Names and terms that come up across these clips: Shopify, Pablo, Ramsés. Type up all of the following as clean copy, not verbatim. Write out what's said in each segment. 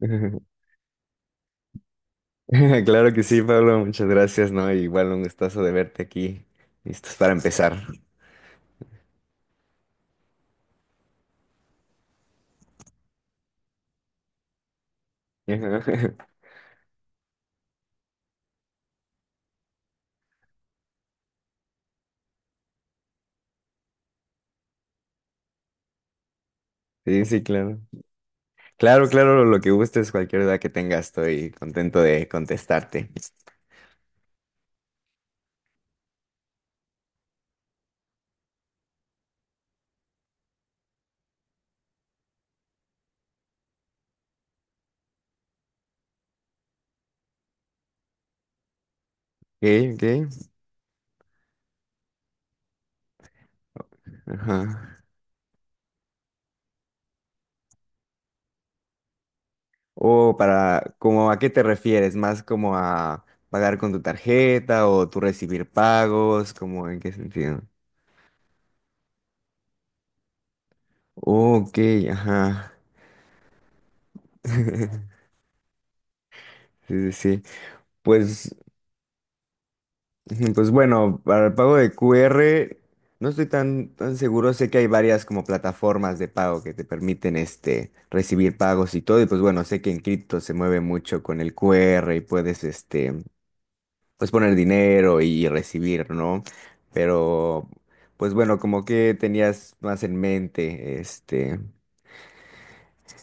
Claro que sí, Pablo, muchas gracias, ¿no? Igual un gustazo de verte aquí. Listos para empezar. Ajá. Sí, sí, claro. Claro, claro, lo que gustes, cualquier duda que tengas, estoy contento de contestarte. Ok, ok. Ajá. O para, como a qué te refieres, más como a pagar con tu tarjeta o tú recibir pagos, como en qué sentido. Ok, ajá. Sí, sí, sí. Pues. Ujú, pues bueno, para el pago de QR no estoy tan seguro. Sé que hay varias como plataformas de pago que te permiten este, recibir pagos y todo. Y pues bueno, sé que en cripto se mueve mucho con el QR y puedes este, pues poner dinero y recibir, ¿no? Pero pues bueno, como que tenías más en mente, este,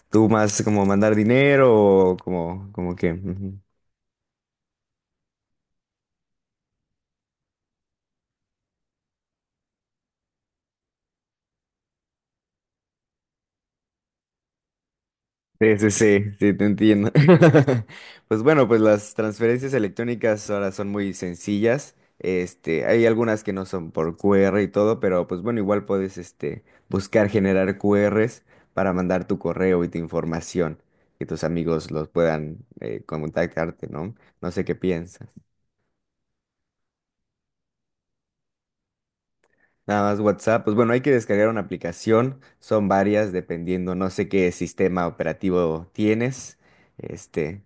tú más como mandar dinero o como que. Sí, sí, sí, sí, te entiendo. Pues bueno, pues las transferencias electrónicas ahora son muy sencillas. Este, hay algunas que no son por QR y todo, pero pues bueno, igual puedes este, buscar generar QRs para mandar tu correo y tu información, que tus amigos los puedan contactarte, ¿no? No sé qué piensas. Nada más WhatsApp, pues bueno, hay que descargar una aplicación, son varias dependiendo, no sé qué sistema operativo tienes. Este,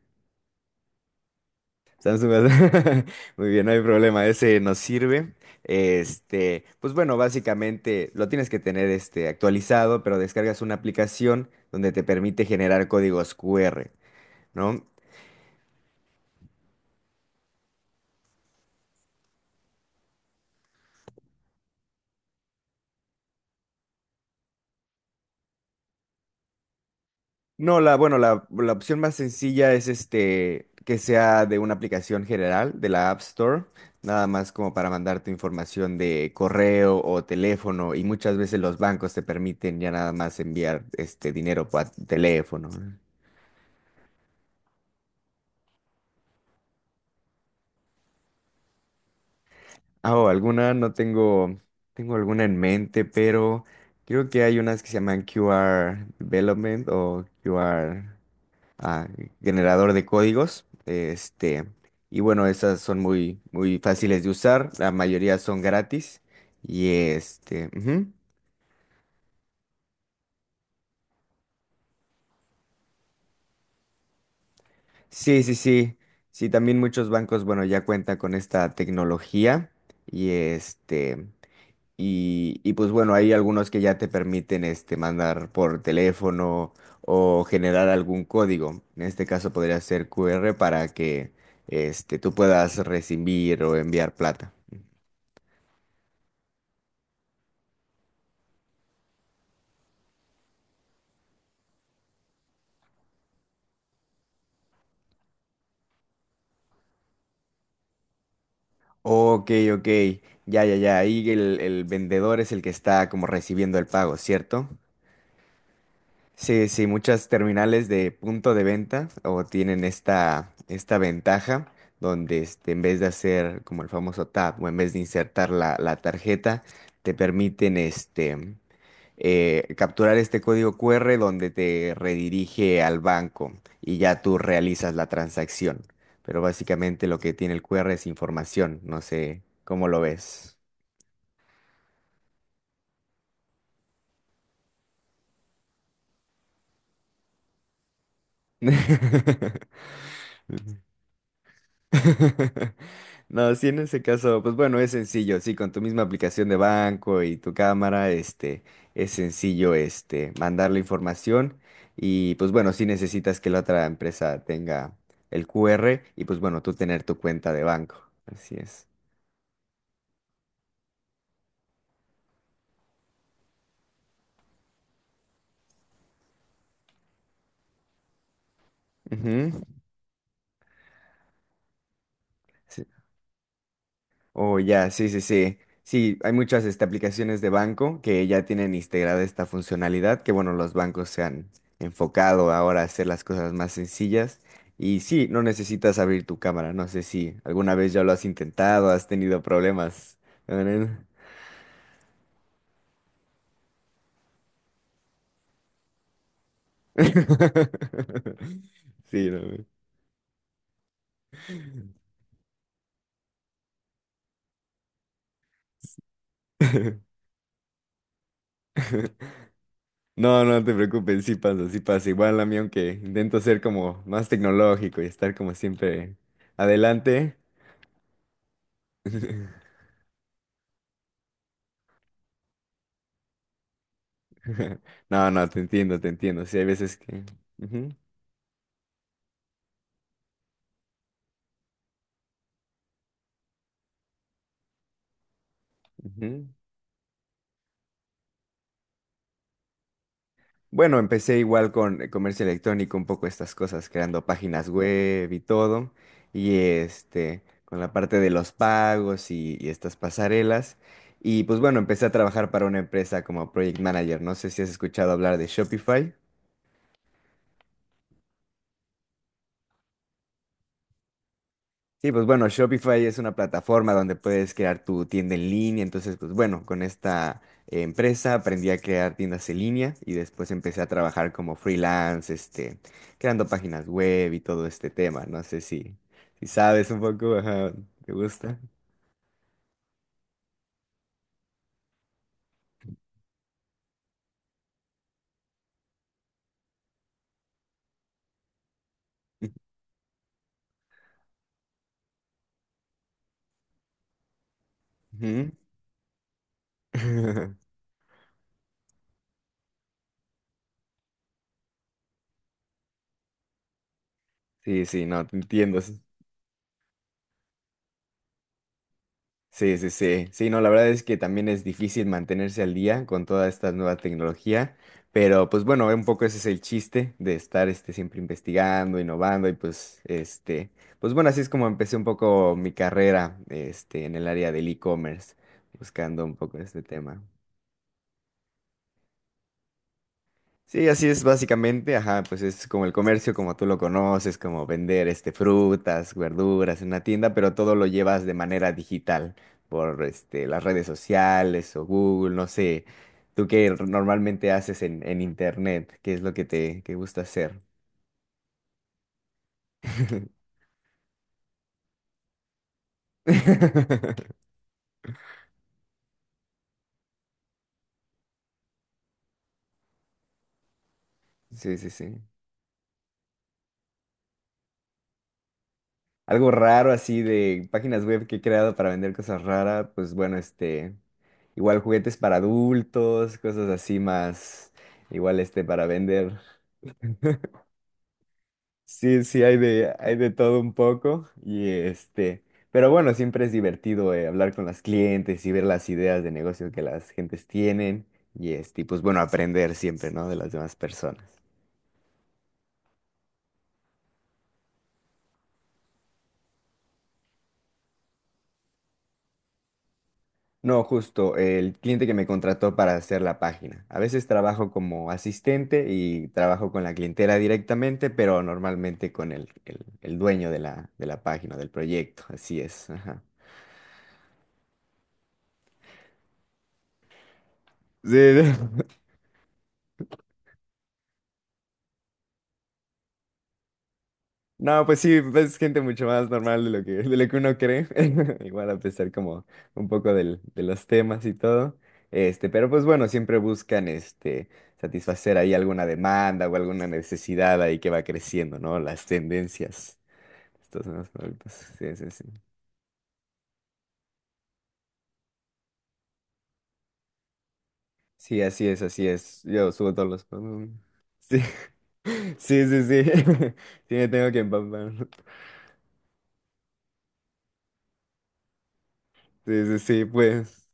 Samsung, Galaxy. Muy bien, no hay problema, ese nos sirve. Este, pues bueno, básicamente lo tienes que tener este actualizado, pero descargas una aplicación donde te permite generar códigos QR, ¿no? No, bueno, la opción más sencilla es este que sea de una aplicación general de la App Store, nada más como para mandarte información de correo o teléfono, y muchas veces los bancos te permiten ya nada más enviar este dinero por teléfono, ¿no? Ah, o alguna, no tengo, tengo alguna en mente, pero creo que hay unas que se llaman QR Development o QR ah, generador de códigos. Este, y bueno, esas son muy, muy fáciles de usar. La mayoría son gratis. Y este, ujú. Sí, sí, sí. Sí, también muchos bancos, bueno, ya cuentan con esta tecnología. Y este. Y pues bueno, hay algunos que ya te permiten este, mandar por teléfono o generar algún código. En este caso podría ser QR para que este, tú puedas recibir o enviar plata. Ok, ok. Ya, ya, ya. Ahí el vendedor es el que está como recibiendo el pago, ¿cierto? Sí, sí, muchas terminales de punto de venta o tienen esta ventaja donde este, en vez de hacer como el famoso tap o en vez de insertar la tarjeta, te permiten este, capturar este código QR donde te redirige al banco y ya tú realizas la transacción. Pero básicamente lo que tiene el QR es información, no sé cómo lo ves. No, sí, en ese caso, pues bueno, es sencillo, sí, con tu misma aplicación de banco y tu cámara, este, es sencillo, este, mandar la información y pues bueno, sí necesitas que la otra empresa tenga el QR y pues bueno, tú tener tu cuenta de banco. Así es. Ujú. Oh, ya, sí, sí, sí. Sí, hay muchas este, aplicaciones de banco que ya tienen integrada esta funcionalidad, que bueno, los bancos se han enfocado ahora a hacer las cosas más sencillas. Y sí, no necesitas abrir tu cámara. No sé si alguna vez ya lo has intentado, has tenido problemas. Sí, no. No, no te preocupes, sí pasa, sí pasa. Igual a mí aunque intento ser como más tecnológico y estar como siempre adelante. No, no, te entiendo, te entiendo. Sí, hay veces que... Ujú, ujú. Bueno, empecé igual con el comercio electrónico, un poco estas cosas, creando páginas web y todo. Y este, con la parte de los pagos y estas pasarelas. Y pues bueno, empecé a trabajar para una empresa como Project Manager. No sé si has escuchado hablar de Shopify. Sí, pues bueno, Shopify es una plataforma donde puedes crear tu tienda en línea. Entonces, pues bueno, con esta empresa aprendí a crear tiendas en línea y después empecé a trabajar como freelance, este, creando páginas web y todo este tema. No sé si sabes un poco, ajá, ¿te gusta? Ujú. Sí, sí, no, te entiendo. Sí, sí, sí. Sí, no, la verdad es que también es difícil mantenerse al día con toda esta nueva tecnología, pero pues bueno, un poco ese es el chiste de estar este, siempre investigando, innovando y pues este, pues bueno, así es como empecé un poco mi carrera este, en el área del e-commerce, buscando un poco este tema. Sí, así es básicamente, ajá, pues es como el comercio, como tú lo conoces, como vender este frutas, verduras en una tienda, pero todo lo llevas de manera digital por este las redes sociales o Google, no sé. ¿Tú qué normalmente haces en internet? ¿Qué es lo que te que gusta hacer? Sí, sí, sí. Algo raro así de páginas web que he creado para vender cosas raras, pues bueno, este, igual juguetes para adultos, cosas así más, igual este para vender. Sí, sí, hay de todo un poco y este, pero bueno, siempre es divertido hablar con las clientes y ver las ideas de negocio que las gentes tienen y este, y pues bueno, aprender siempre, ¿no? De las demás personas. No, justo, el cliente que me contrató para hacer la página. A veces trabajo como asistente y trabajo con la clientela directamente, pero normalmente con el dueño de la página, del proyecto. Así es. Ajá. Sí, no, pues sí, es gente mucho más normal de lo que uno cree. Igual a pesar como un poco de los temas y todo. Este, pero pues bueno, siempre buscan este satisfacer ahí alguna demanda o alguna necesidad ahí que va creciendo, ¿no? Las tendencias. Estas son las palmitas. Sí, sí, sí. Sí, así es, así es. Yo subo todos los palmas. Sí. Sí, sí, sí. Sí, me tengo que empampar. Sí, sí, sí, pues.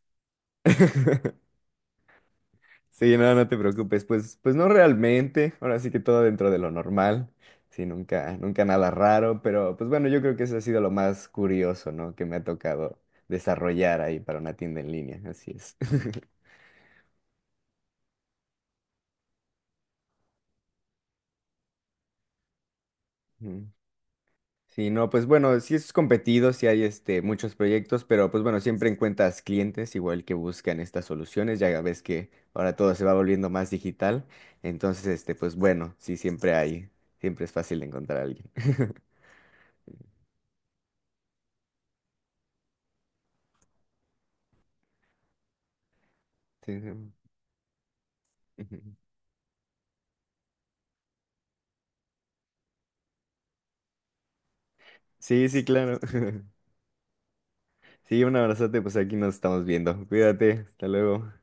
Sí, no, no te preocupes. Pues no realmente. Ahora sí que todo dentro de lo normal. Sí, nunca, nunca nada raro. Pero, pues bueno, yo creo que eso ha sido lo más curioso, ¿no? Que me ha tocado desarrollar ahí para una tienda en línea. Así es. Mm. Sí, no, pues bueno, sí es competido, sí hay este, muchos proyectos, pero pues bueno, siempre encuentras clientes igual que buscan estas soluciones, ya ves que ahora todo se va volviendo más digital, entonces este, pues bueno, sí siempre hay, siempre es fácil encontrar a alguien. Sí, sí, ujú. Sí, sí, claro. Sí, un abrazote, pues aquí nos estamos viendo. Cuídate, hasta luego.